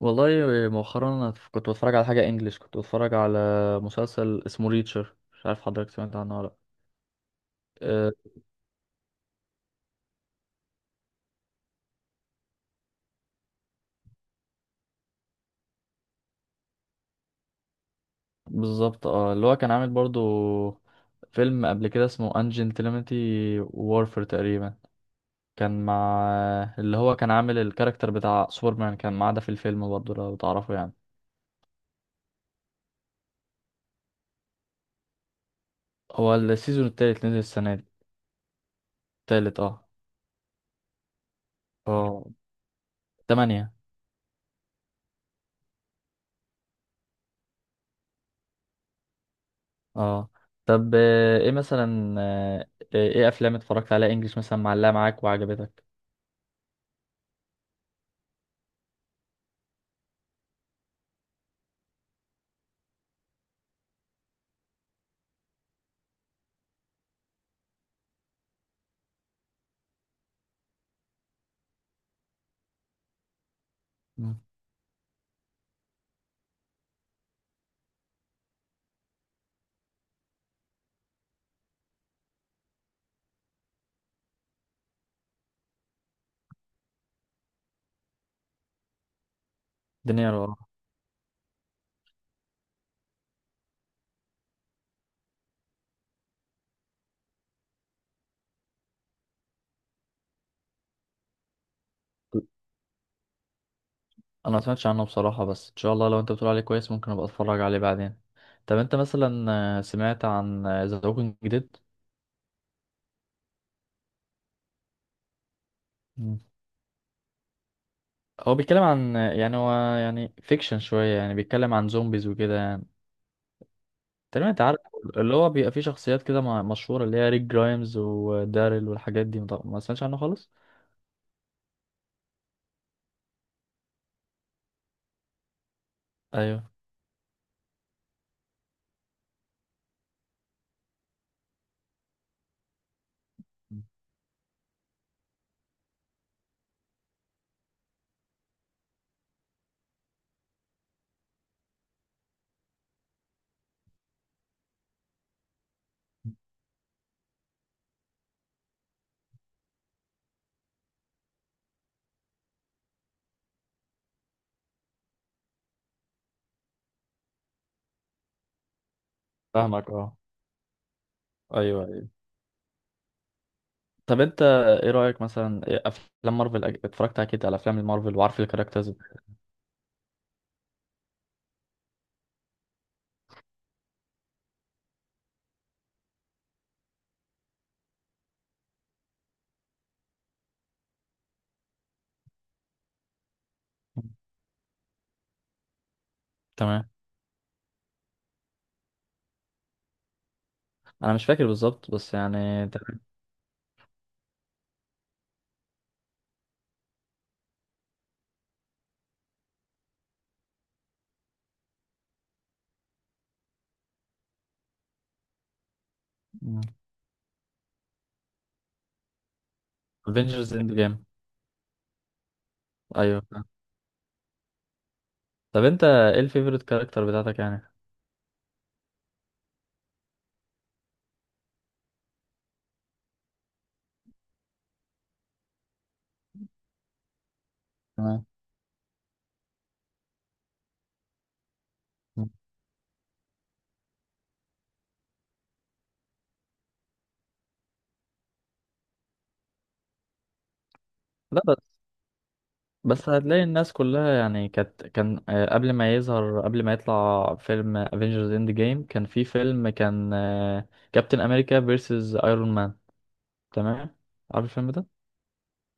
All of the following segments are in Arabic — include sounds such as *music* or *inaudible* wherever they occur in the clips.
والله، مؤخرا أنا كنت بتفرج على حاجة انجليش، كنت بتفرج على مسلسل اسمه ريتشر. مش عارف حضرتك سمعت عنه ولا لأ؟ أه، بالظبط. اه، اللي هو كان عامل برضو فيلم قبل كده اسمه انجنتلمتي وورفر تقريبا. كان مع اللي هو كان عامل الكاركتر بتاع سوبرمان، كان معاه ده في الفيلم برضو لو تعرفه يعني. هو السيزون التالت نزل السنة دي. التالت، اه. اه، تمانية. اه، طب ايه مثلا، ايه افلام اتفرجت عليها انجليش مثلا معلقة معاك وعجبتك؟ مم. الدنيا رو... انا ما سمعتش عنه بصراحة، بس ان شاء الله لو انت بتقول عليه كويس ممكن ابقى اتفرج عليه بعدين. طب انت مثلا، سمعت عن ذا ووكينج ديد؟ مم. هو بيتكلم عن يعني يعني فيكشن شوية، يعني بيتكلم عن زومبيز وكده يعني. تقريبا انت عارف اللي هو بيبقى فيه شخصيات كده مشهورة، اللي هي ريك جرايمز وداريل والحاجات دي. ما سمعتش عنه خالص؟ ايوه، فاهمك اه، ايوه ايوه. طب انت ايه رأيك مثلا، إيه افلام مارفل؟ اتفرجت اكيد على افلام المارفل وعارف الكاركترز. تمام. انا مش فاكر بالظبط بس يعني. مم. افنجرز اند جيم. ايوه. طب انت ايه الفيفوريت كاركتر بتاعتك يعني؟ تمام. مم. لا بس، بس هتلاقي الناس كلها يعني كانت قبل ما يظهر، قبل ما يطلع فيلم افنجرز اند جيم كان في فيلم كان كابتن امريكا فيرسز ايرون مان. تمام. عارف الفيلم ده؟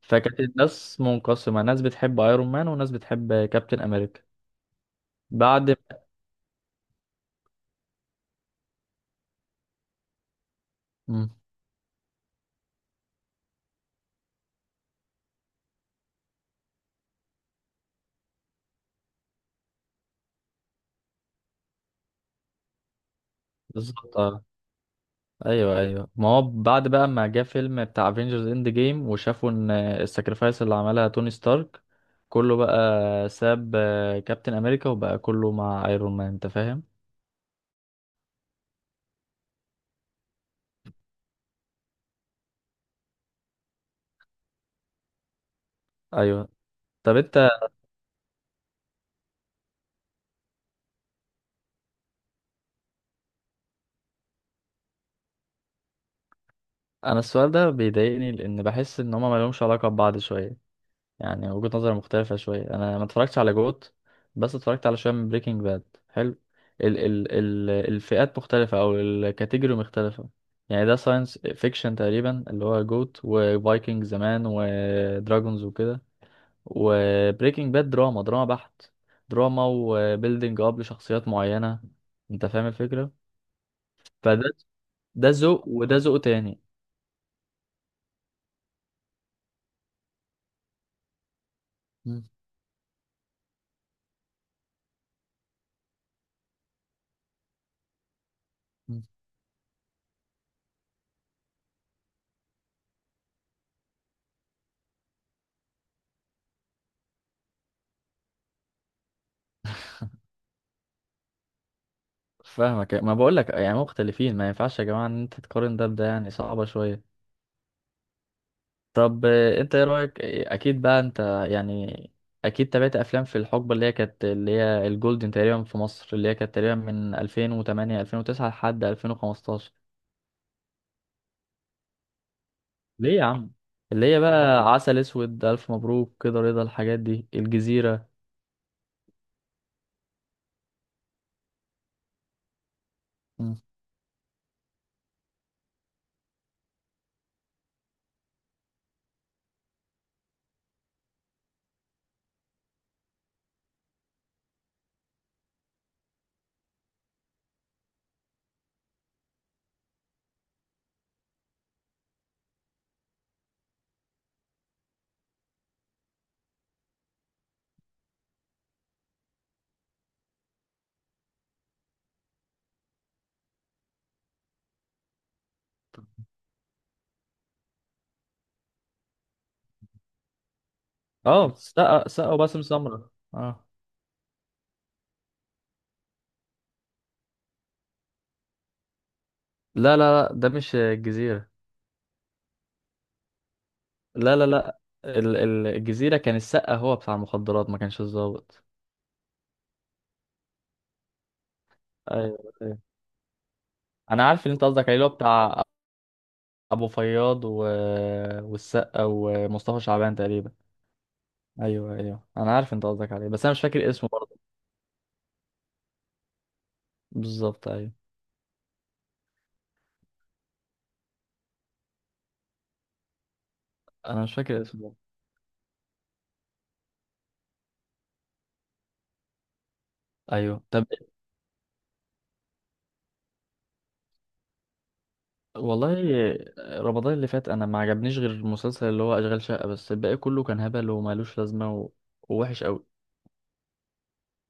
فكانت الناس منقسمة، ناس بتحب ايرون مان وناس بتحب كابتن امريكا. بعد، مم، بالظبط آه. ايوه ايوه، ما هو بعد بقى ما جه فيلم بتاع افنجرز اند جيم وشافوا ان الساكرفايس اللي عملها توني ستارك، كله بقى ساب كابتن امريكا وبقى كله مع ايرون مان، انت فاهم. ايوه. طب انت، انا السؤال ده بيضايقني لان بحس ان هما مالهمش علاقه ببعض شويه. يعني وجهة نظري مختلفة شوية. أنا ما اتفرجتش على جوت بس اتفرجت على شوية من بريكنج باد. حلو. ال ال ال الفئات مختلفة أو الكاتيجوري مختلفة. يعني ده ساينس فيكشن تقريبا اللي هو جوت، وفايكنج زمان ودراجونز وكده. وبريكنج باد دراما، دراما بحت. دراما وبيلدينج أب لشخصيات معينة. أنت فاهم الفكرة؟ فده، ده ذوق وده ذوق تاني. مم. مم. فاهمك، ما بقولك يعني مختلفين. ما ينفعش يا جماعة إن أنت تقارن ده بده، يعني صعبة شوية. طب انت ايه رأيك، اكيد بقى انت يعني اكيد تابعت افلام في الحقبة اللي هي كانت اللي هي الجولدن تقريبا في مصر، اللي هي كانت تقريبا من 2008، 2009 لحد 2015. ليه يا عم؟ اللي هي بقى عسل اسود، الف مبروك كده، رضا، الحاجات دي، الجزيرة. مم. اه، سقا، سقا وباسم سمرة اه. لا لا لا، ده مش الجزيرة. لا لا لا، الجزيرة كان السقا هو بتاع المخدرات ما كانش الضابط. ايوه ايوه، انا عارف اللي انت قصدك عليه، اللي هو بتاع ابو فياض و... والسقا ومصطفى شعبان تقريبا. ايوه ايوه، انا عارف انت قصدك عليه بس انا مش فاكر اسمه برضه. بالظبط ايوه. انا مش فاكر اسمه برضه. ايوه، طب، والله رمضان اللي فات انا ما عجبنيش غير المسلسل اللي هو اشغال شقه، بس الباقي كله كان هبل ومالوش لازمه و... ووحش قوي.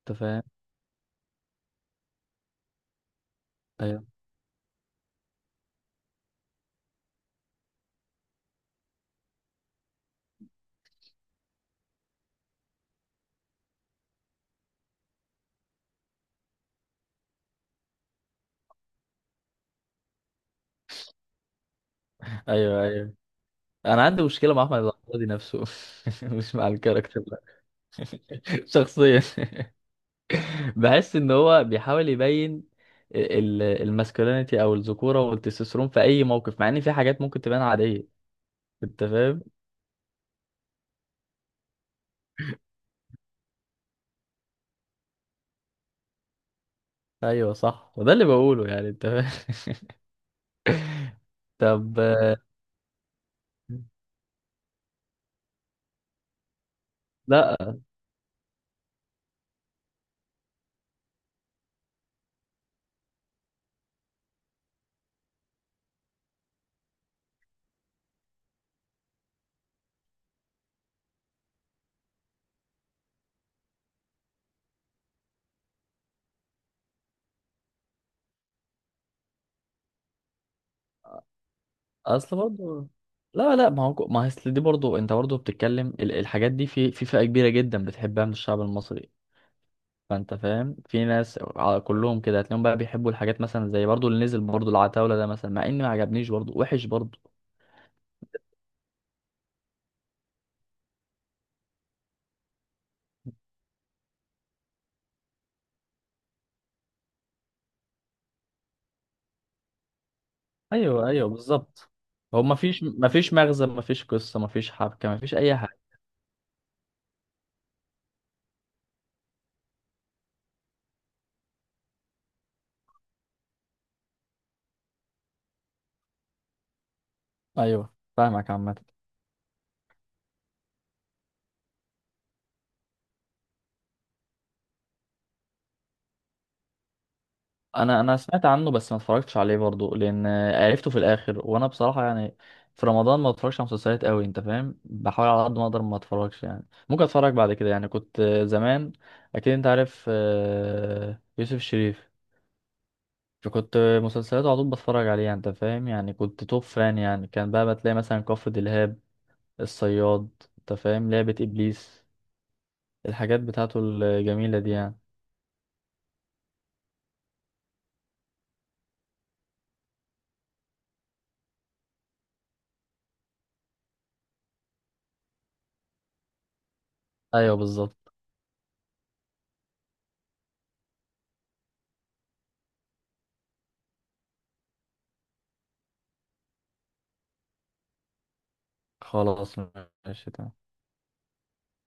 انت فاهم. ايوه ايوه. ايوه، انا عندي مشكله مع احمد العوضي نفسه *laughs* مش مع الكاركتر لا. *laughs* شخصيا بحس ان هو بيحاول يبين الماسكولينيتي او الذكوره والتستوستيرون في اي موقف، مع ان في حاجات ممكن تبان عاديه. انت فاهم. ايوه صح، وده اللي بقوله يعني، انت فاهم. *laughs* طب، لا. اصل برضه، لا لا، ما هو اصل دي برضه، انت برضه بتتكلم الحاجات دي في فئه كبيره جدا بتحبها من الشعب المصري. فانت فاهم في ناس كلهم كده هتلاقيهم بقى بيحبوا الحاجات مثلا زي برضه اللي نزل برضه العتاوله ده مثلا، مع اني ما عجبنيش برضه، وحش برضه. ايوه ايوه بالظبط. هو مفيش مغزى، مفيش قصه، مفيش حبكه، مفيش اي حاجه. ايوه فاهمك عامة. انا سمعت عنه بس ما اتفرجتش عليه برضو لان عرفته في الاخر، وانا بصراحه يعني في رمضان ما بتفرجش على مسلسلات قوي، انت فاهم، بحاول على قد ما اقدر ما اتفرجش. يعني ممكن اتفرج بعد كده. يعني كنت زمان، اكيد انت عارف يوسف الشريف، فكنت مسلسلاته على طول بتفرج عليها. انت فاهم يعني كنت توب فان يعني. كان بقى بتلاقي مثلا كفر دلهاب، الصياد، انت فاهم، لعبه ابليس، الحاجات بتاعته الجميلة دي يعني. أيوه بالظبط. خلاص، ماشي تمام.